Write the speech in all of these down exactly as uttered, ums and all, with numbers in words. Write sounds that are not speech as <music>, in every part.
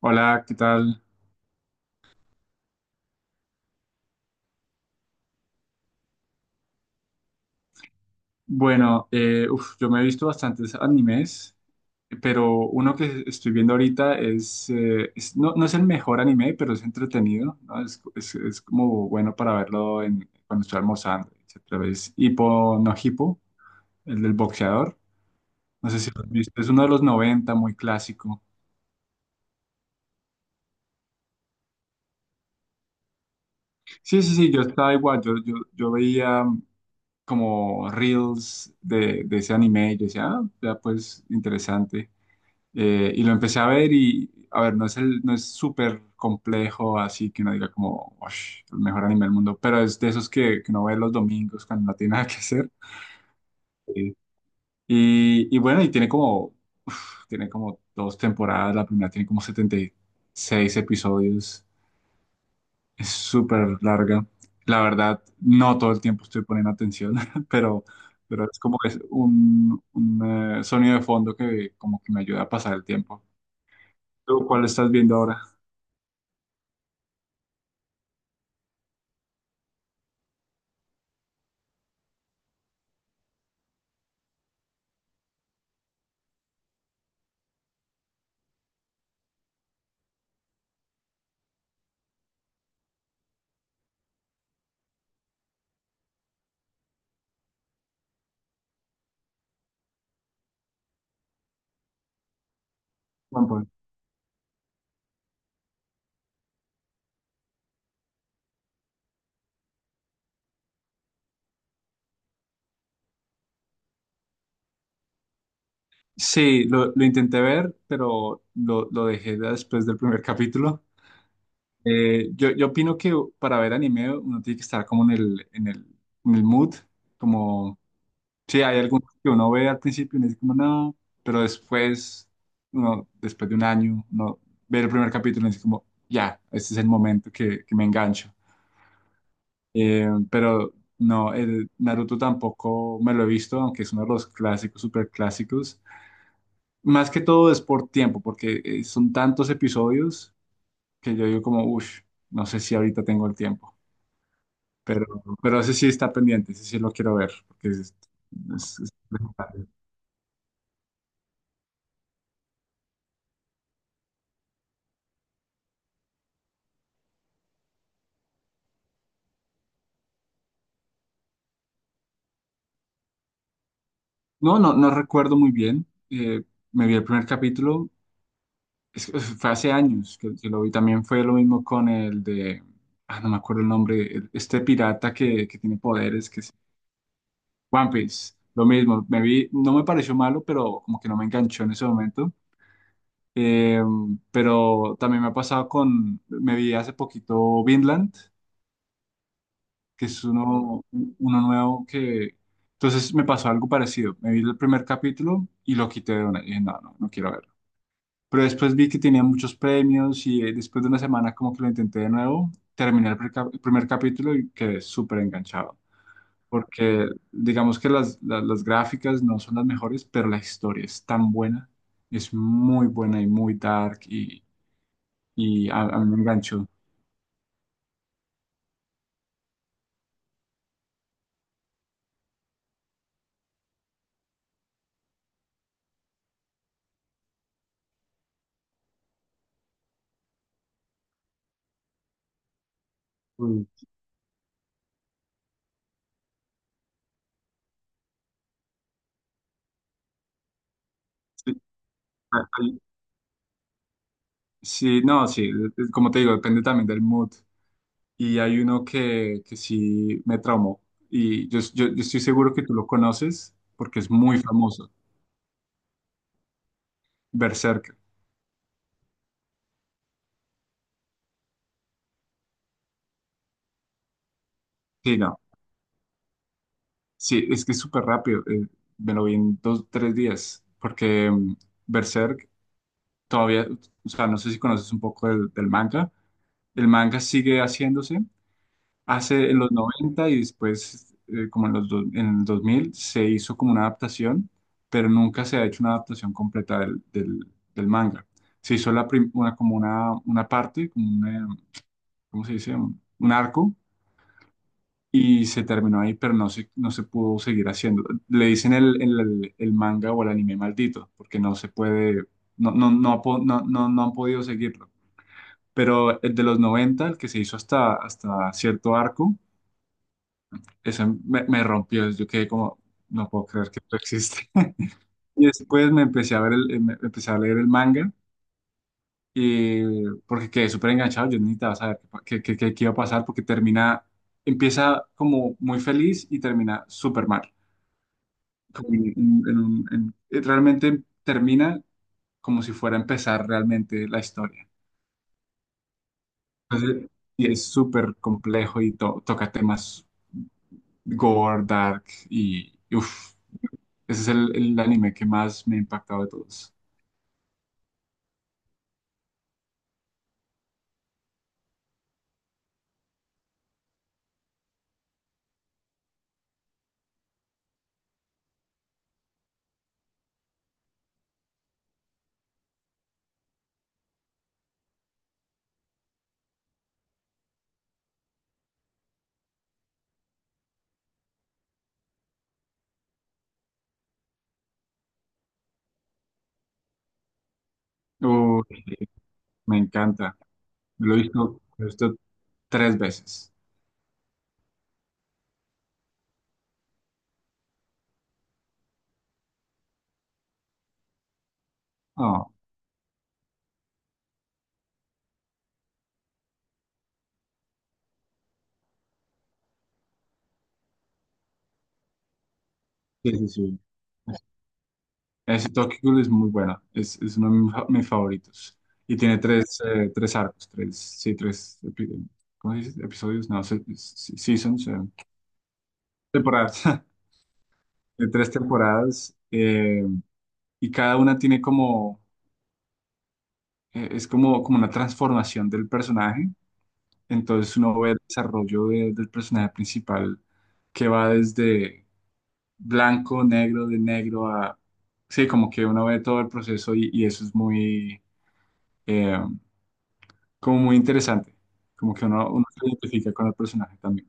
Hola, ¿qué tal? Bueno, eh, uf, yo me he visto bastantes animes, pero uno que estoy viendo ahorita es, eh, es- no, no es el mejor anime, pero es entretenido, ¿no? Es, es- es como bueno para verlo en, cuando estoy almorzando, etcétera. Es Hippo no Hippo, el del boxeador. No sé si lo has visto, es uno de los noventa, muy clásico. Sí, sí, sí, yo estaba igual, yo, yo, yo veía mm, como reels de, de ese anime y yo decía, ah, ya pues interesante. Eh, y lo empecé a ver y, a ver, no es el, no es súper complejo, así que uno diga como, "Ush, el mejor anime del mundo, pero es de esos que, que uno ve los domingos cuando no tiene <laughs> nada que hacer. Sí. Y, y bueno, y tiene como, uf, tiene como dos temporadas, la primera tiene como setenta y seis episodios, es súper larga. La verdad, no todo el tiempo estoy poniendo atención, <laughs> pero, pero es como que es un, un eh, sonido de fondo que como que me ayuda a pasar el tiempo. ¿Tú cuál estás viendo ahora? One Punch. Sí, lo, lo intenté ver, pero lo, lo dejé después del primer <laughs> capítulo. Eh, yo, yo opino que para ver anime uno tiene que estar como en el, en el, en el mood, como, sí, hay algunos que uno ve al principio y uno dice como, no, pero después, uno, después de un año, uno ve el primer capítulo y dice como, ya, este es el momento que, que me engancho. Eh, pero no, el Naruto tampoco me lo he visto, aunque es uno de los clásicos, super clásicos. Más que todo es por tiempo, porque eh, son tantos episodios que yo digo como, uff, no sé si ahorita tengo el tiempo, pero, pero ese sí está pendiente, ese sí lo quiero ver. Porque es- es- es- No, no, no recuerdo muy bien, eh, me vi el primer capítulo, es- es- fue hace años que, que lo vi. También fue lo mismo con el de, ah, no me acuerdo el nombre, el- este pirata que, que tiene poderes, que es One Piece. Lo mismo, me vi, no me pareció malo, pero como que no me enganchó en ese momento. Eh, pero también me ha pasado con, me vi hace poquito Vinland, que es uno, uno nuevo que... Entonces me pasó algo parecido. Me vi el primer capítulo y lo quité de una. Y dije, no, no, no quiero verlo. Pero después vi que tenía muchos premios y, eh, después de una semana, como que lo intenté de nuevo, terminé el, pre- el primer capítulo y quedé súper enganchado. Porque digamos que las, las, las gráficas no son las mejores, pero la historia es tan buena, es muy buena y muy dark y a, a mí me enganchó. Uy. Sí, hay- hay- sí, no, sí, es- como te digo, depende también del mood. Y hay uno que, que sí me traumó. Y yo, yo, yo estoy seguro que tú lo conoces porque es muy famoso. Berserk. Sí, no. Sí, es que es súper rápido. Eh, me lo vi en dos, tres días. Porque mm, Berserk todavía, o sea, no sé si conoces un poco del, del manga. El manga sigue haciéndose. Hace en los noventa y después, eh, como en los do- en el dos mil, se hizo como una adaptación, pero nunca se ha hecho una adaptación completa del, del- del manga. Se hizo la prim- una, como una, una parte, como una-, ¿cómo se dice? Un, un arco, y se terminó ahí, pero no se, no se pudo seguir haciendo. Le dicen el, el- el manga o el anime maldito, porque no se puede, no, no, no, ha po- no, no, no han podido seguirlo. Pero el de los noventa, el que se hizo hasta, hasta cierto arco, esa me, me rompió. Yo quedé como, no puedo creer que esto existe. <laughs> Y después me empecé a ver el, em- empecé a leer el manga, y, porque quedé súper enganchado, yo necesitaba saber qué, qué, qué- qué iba a pasar, porque termina, empieza como muy feliz y termina súper mal. Como en- en- en un- en- eh, realmente termina como si fuera a empezar realmente la historia. Entonces, y es súper complejo y to- toca temas gore, dark y. uff Ese es el, el anime que más me ha impactado de todos. Uy, me encanta. Lo he visto, lo he visto tres veces. Oh, sí, sí, sí. Ese Tokyo Ghoul es muy bueno. Es, es uno de mis fa- mis favoritos. Y tiene tres, eh, tres arcos, tres, sí, tres, epi- ¿cómo se dice? Episodios, no, se- se- seasons, eh, temporadas. <laughs> De tres temporadas. Eh, y cada una tiene como, eh, es como, como una transformación del personaje. Entonces uno ve el desarrollo de- del personaje principal, que va desde blanco, negro, de negro a... Sí, como que uno ve todo el proceso, y y eso es muy, eh, como muy interesante. Como que uno, uno se identifica con el personaje también.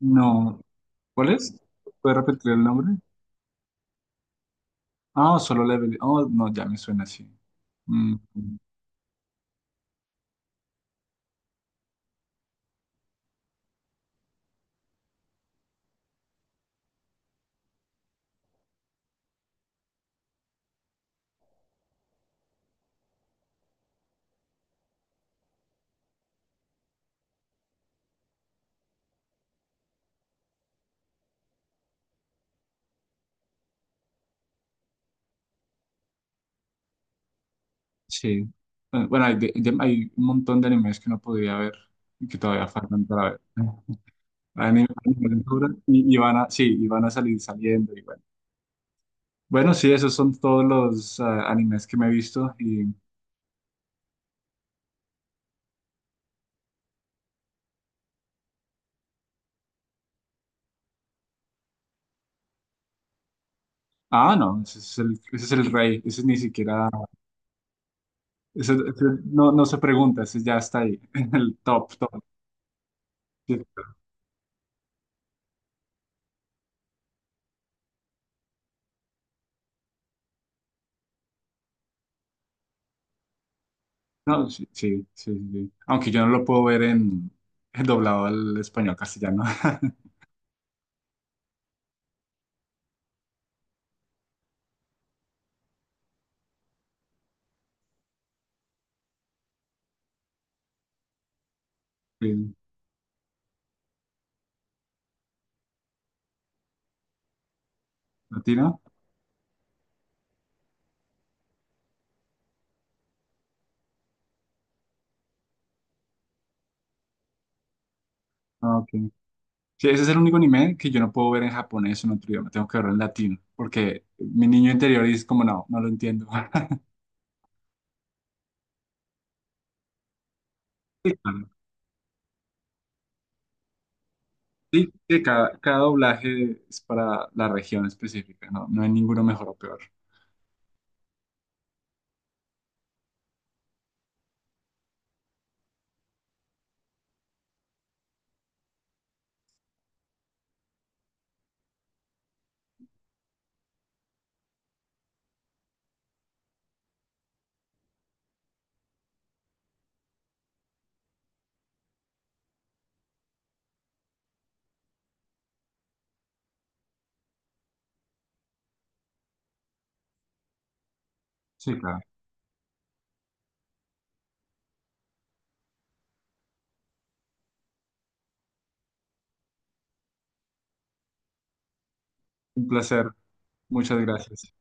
No, ¿cuál es? ¿Puedes repetir el nombre? Ah, no, solo Level. Oh, no, ya me suena así. Mm, sí. Bueno, hay, de- de- hay un montón de animes que no podía ver y que todavía faltan para ver. Van en van en aventura y, y van a, sí, y van a salir saliendo y bueno. Bueno, sí, esos son todos los ah, animes que me he visto y... Ah, no, ese es el, ese es el rey, ese ni siquiera, ese- ese no, no se pregunta, ese ya está ahí, <laughs> en el top, top. Sí. No, sí, sí, sí, sí. Aunque yo no lo puedo ver en, en doblado al español castellano. <laughs> Sí. ¿Latino? Ah, ok. Sí, ese es el único anime que yo no puedo ver en japonés o en otro idioma. Tengo que verlo en latino, porque mi niño interior es como, no, no lo entiendo. <laughs> Sí, claro. Sí, que cada, cada doblaje es para la región específica, no, no hay ninguno mejor o peor. Sí, claro. Un placer. Muchas gracias.